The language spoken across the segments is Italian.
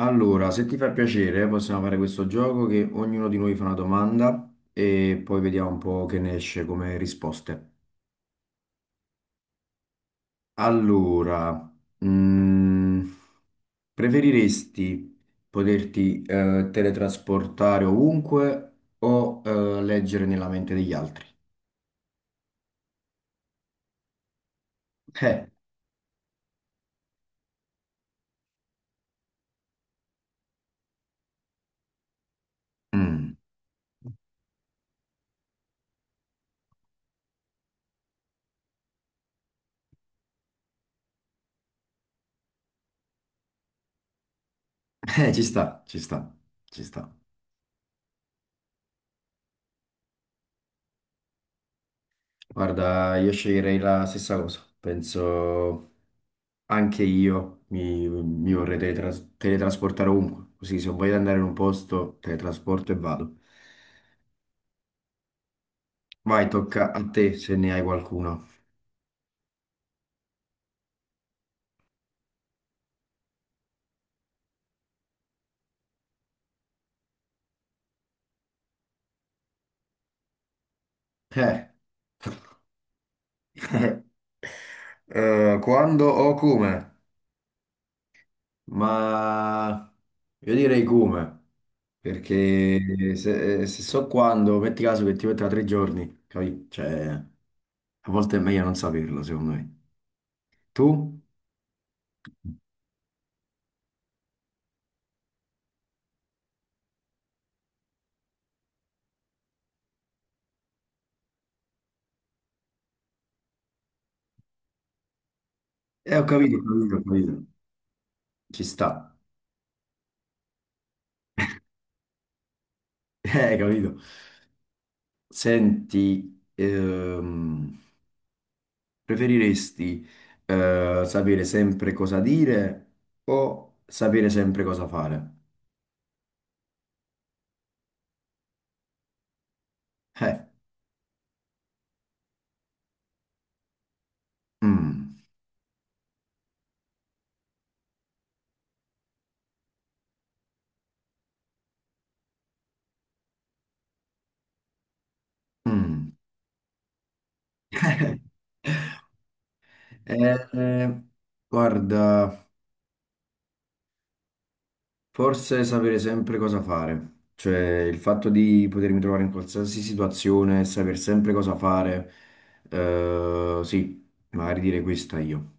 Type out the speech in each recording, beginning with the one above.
Allora, se ti fa piacere, possiamo fare questo gioco che ognuno di noi fa una domanda e poi vediamo un po' che ne esce come risposte. Allora, mm, preferiresti poterti teletrasportare ovunque o leggere nella mente degli altri? Eh, mm, ci sta, ci sta, ci sta. Guarda, io sceglierei la stessa cosa. Penso anche io mi vorrei teletrasportare ovunque. Così se voglio andare in un posto, teletrasporto e vado. Vai, tocca a te se ne hai qualcuno. Eh, quando o come? Ma io direi come, perché se so quando, metti caso che ti metto tra 3 giorni, capì? Cioè, a volte è meglio non saperlo, secondo me. Tu? Ho capito, ho capito, ho capito. Ci sta. Hai capito. Senti, preferiresti sapere sempre cosa dire o sapere sempre cosa fare? Eh, mm, mm. Eh, Guarda, forse sapere sempre cosa fare. Cioè, il fatto di potermi trovare in qualsiasi situazione, saper sempre cosa fare, sì, magari dire questa io.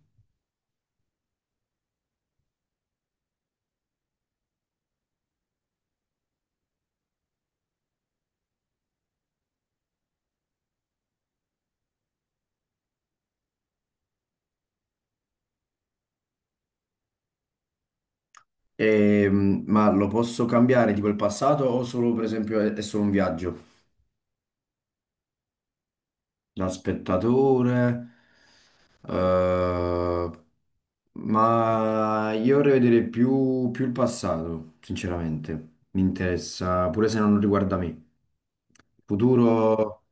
Ma lo posso cambiare tipo il passato o solo per esempio è solo un viaggio da spettatore? eh, ma io vorrei vedere più il passato, sinceramente. Mi interessa, pure se non riguarda me. Il futuro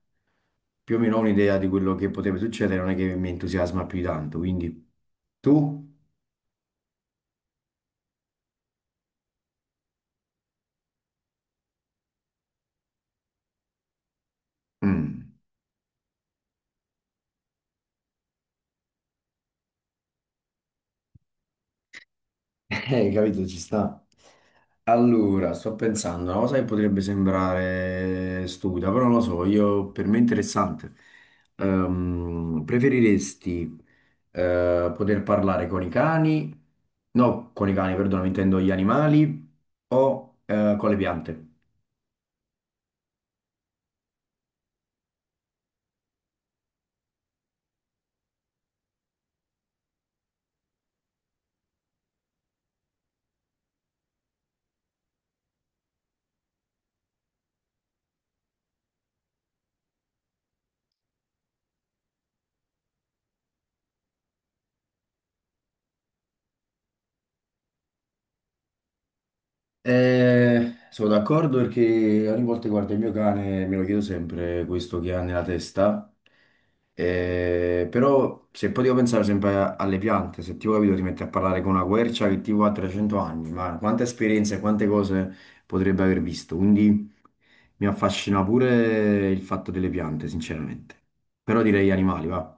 più o meno ho un'idea di quello che potrebbe succedere, non è che mi entusiasma più di tanto, quindi tu? Mm. Capito, ci sta. Allora, sto pensando, una cosa che potrebbe sembrare stupida, però non lo so, io, per me è interessante. Preferiresti poter parlare con i cani? No, con i cani, perdono, intendo gli animali o con le piante? Sono d'accordo perché ogni volta che guardo il mio cane me lo chiedo sempre questo che ha nella testa. Però se poi devo pensare sempre alle piante, se ti ho capito ti metti a parlare con una quercia che tipo ha 300 anni, ma quante esperienze, quante cose potrebbe aver visto. Quindi mi affascina pure il fatto delle piante, sinceramente. Però direi animali, va.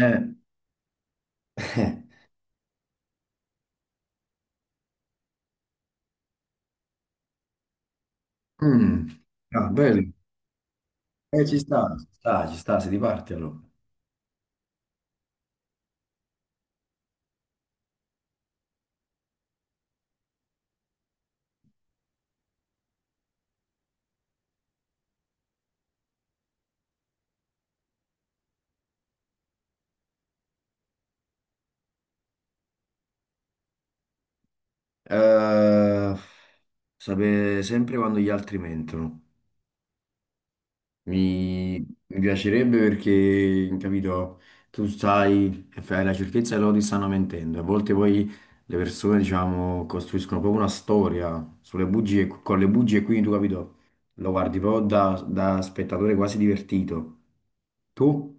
Eh, eh, mm. Ah, bello. Ci sta, ci sta, ci sta, se ti parti allora. Eh, Sapere sempre quando gli altri mentono. Mi, mi piacerebbe perché, capito, tu sai e fai la certezza che loro ti stanno mentendo. A volte poi le persone, diciamo, costruiscono proprio una storia sulle bugie, con le bugie, quindi tu, capito, lo guardi proprio da spettatore quasi divertito. Tu?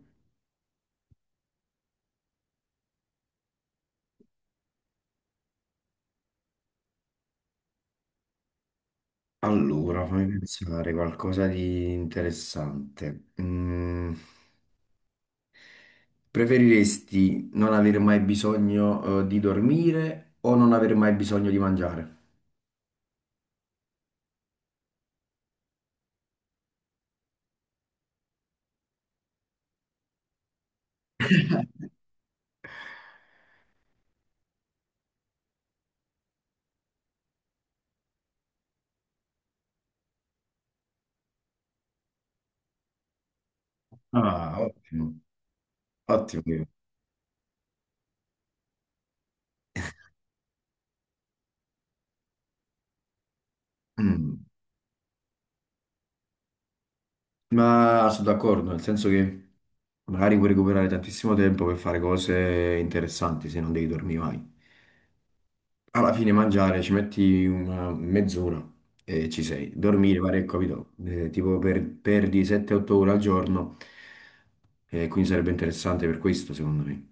Allora, fammi pensare qualcosa di interessante. Mm. Preferiresti non avere mai bisogno, di dormire o non avere mai bisogno di mangiare? Ah, ottimo, ottimo. Mm. Ma sono d'accordo, nel senso che magari puoi recuperare tantissimo tempo per fare cose interessanti se non devi dormire mai. Alla fine mangiare ci metti una mezz'ora e ci sei. Dormire, pare, capito? Tipo perdi 7-8 ore al giorno, e quindi sarebbe interessante per questo, secondo me.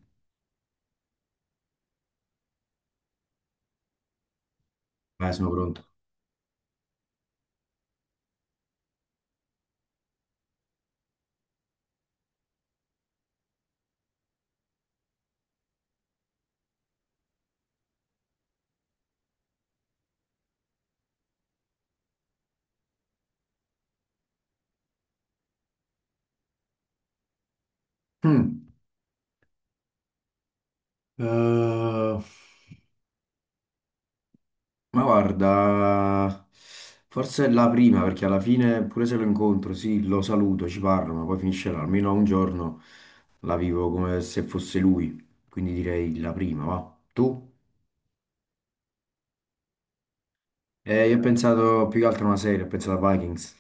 Vai, sono pronto. Mm. Eh, ma guarda, forse è la prima perché alla fine, pure se lo incontro, sì, lo saluto, ci parlo, ma poi finisce là. Almeno un giorno la vivo come se fosse lui. Quindi direi la prima, va. Tu? Io ho pensato più che altro a una serie, ho pensato a Vikings.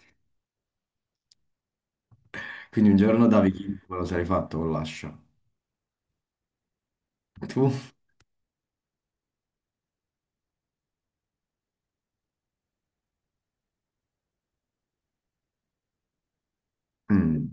Quindi un giorno da Viking me lo sarei fatto con l'ascia. Tu? Mm.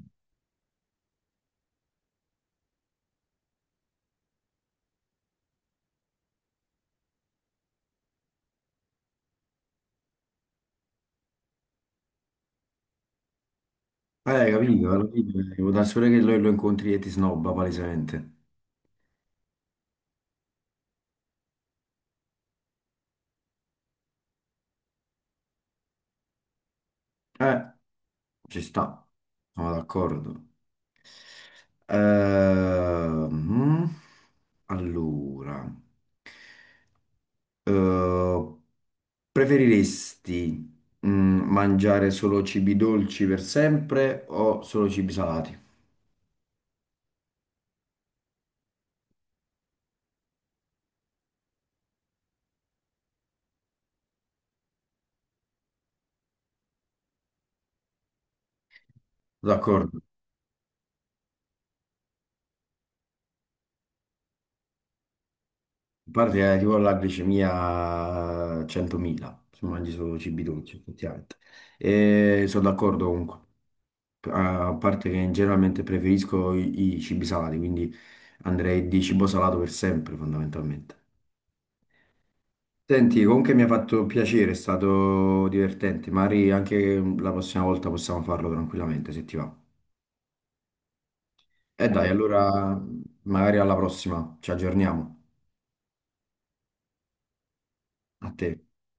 Capito, alla fine devo dare solo che lo incontri e ti snobba palesemente. Eh, Ci sta, sono d'accordo. Ehm, allora, eh, preferiresti mangiare solo cibi dolci per sempre o solo cibi salati? D'accordo, a parte che tipo la glicemia 100.000 se mangi solo cibi dolci, effettivamente. E sono d'accordo comunque, a parte che generalmente preferisco i cibi salati, quindi andrei di cibo salato per sempre, fondamentalmente. Senti, comunque mi ha fatto piacere, è stato divertente. Magari anche la prossima volta possiamo farlo tranquillamente, se ti va. E dai, allora magari alla prossima, ci aggiorniamo. A te.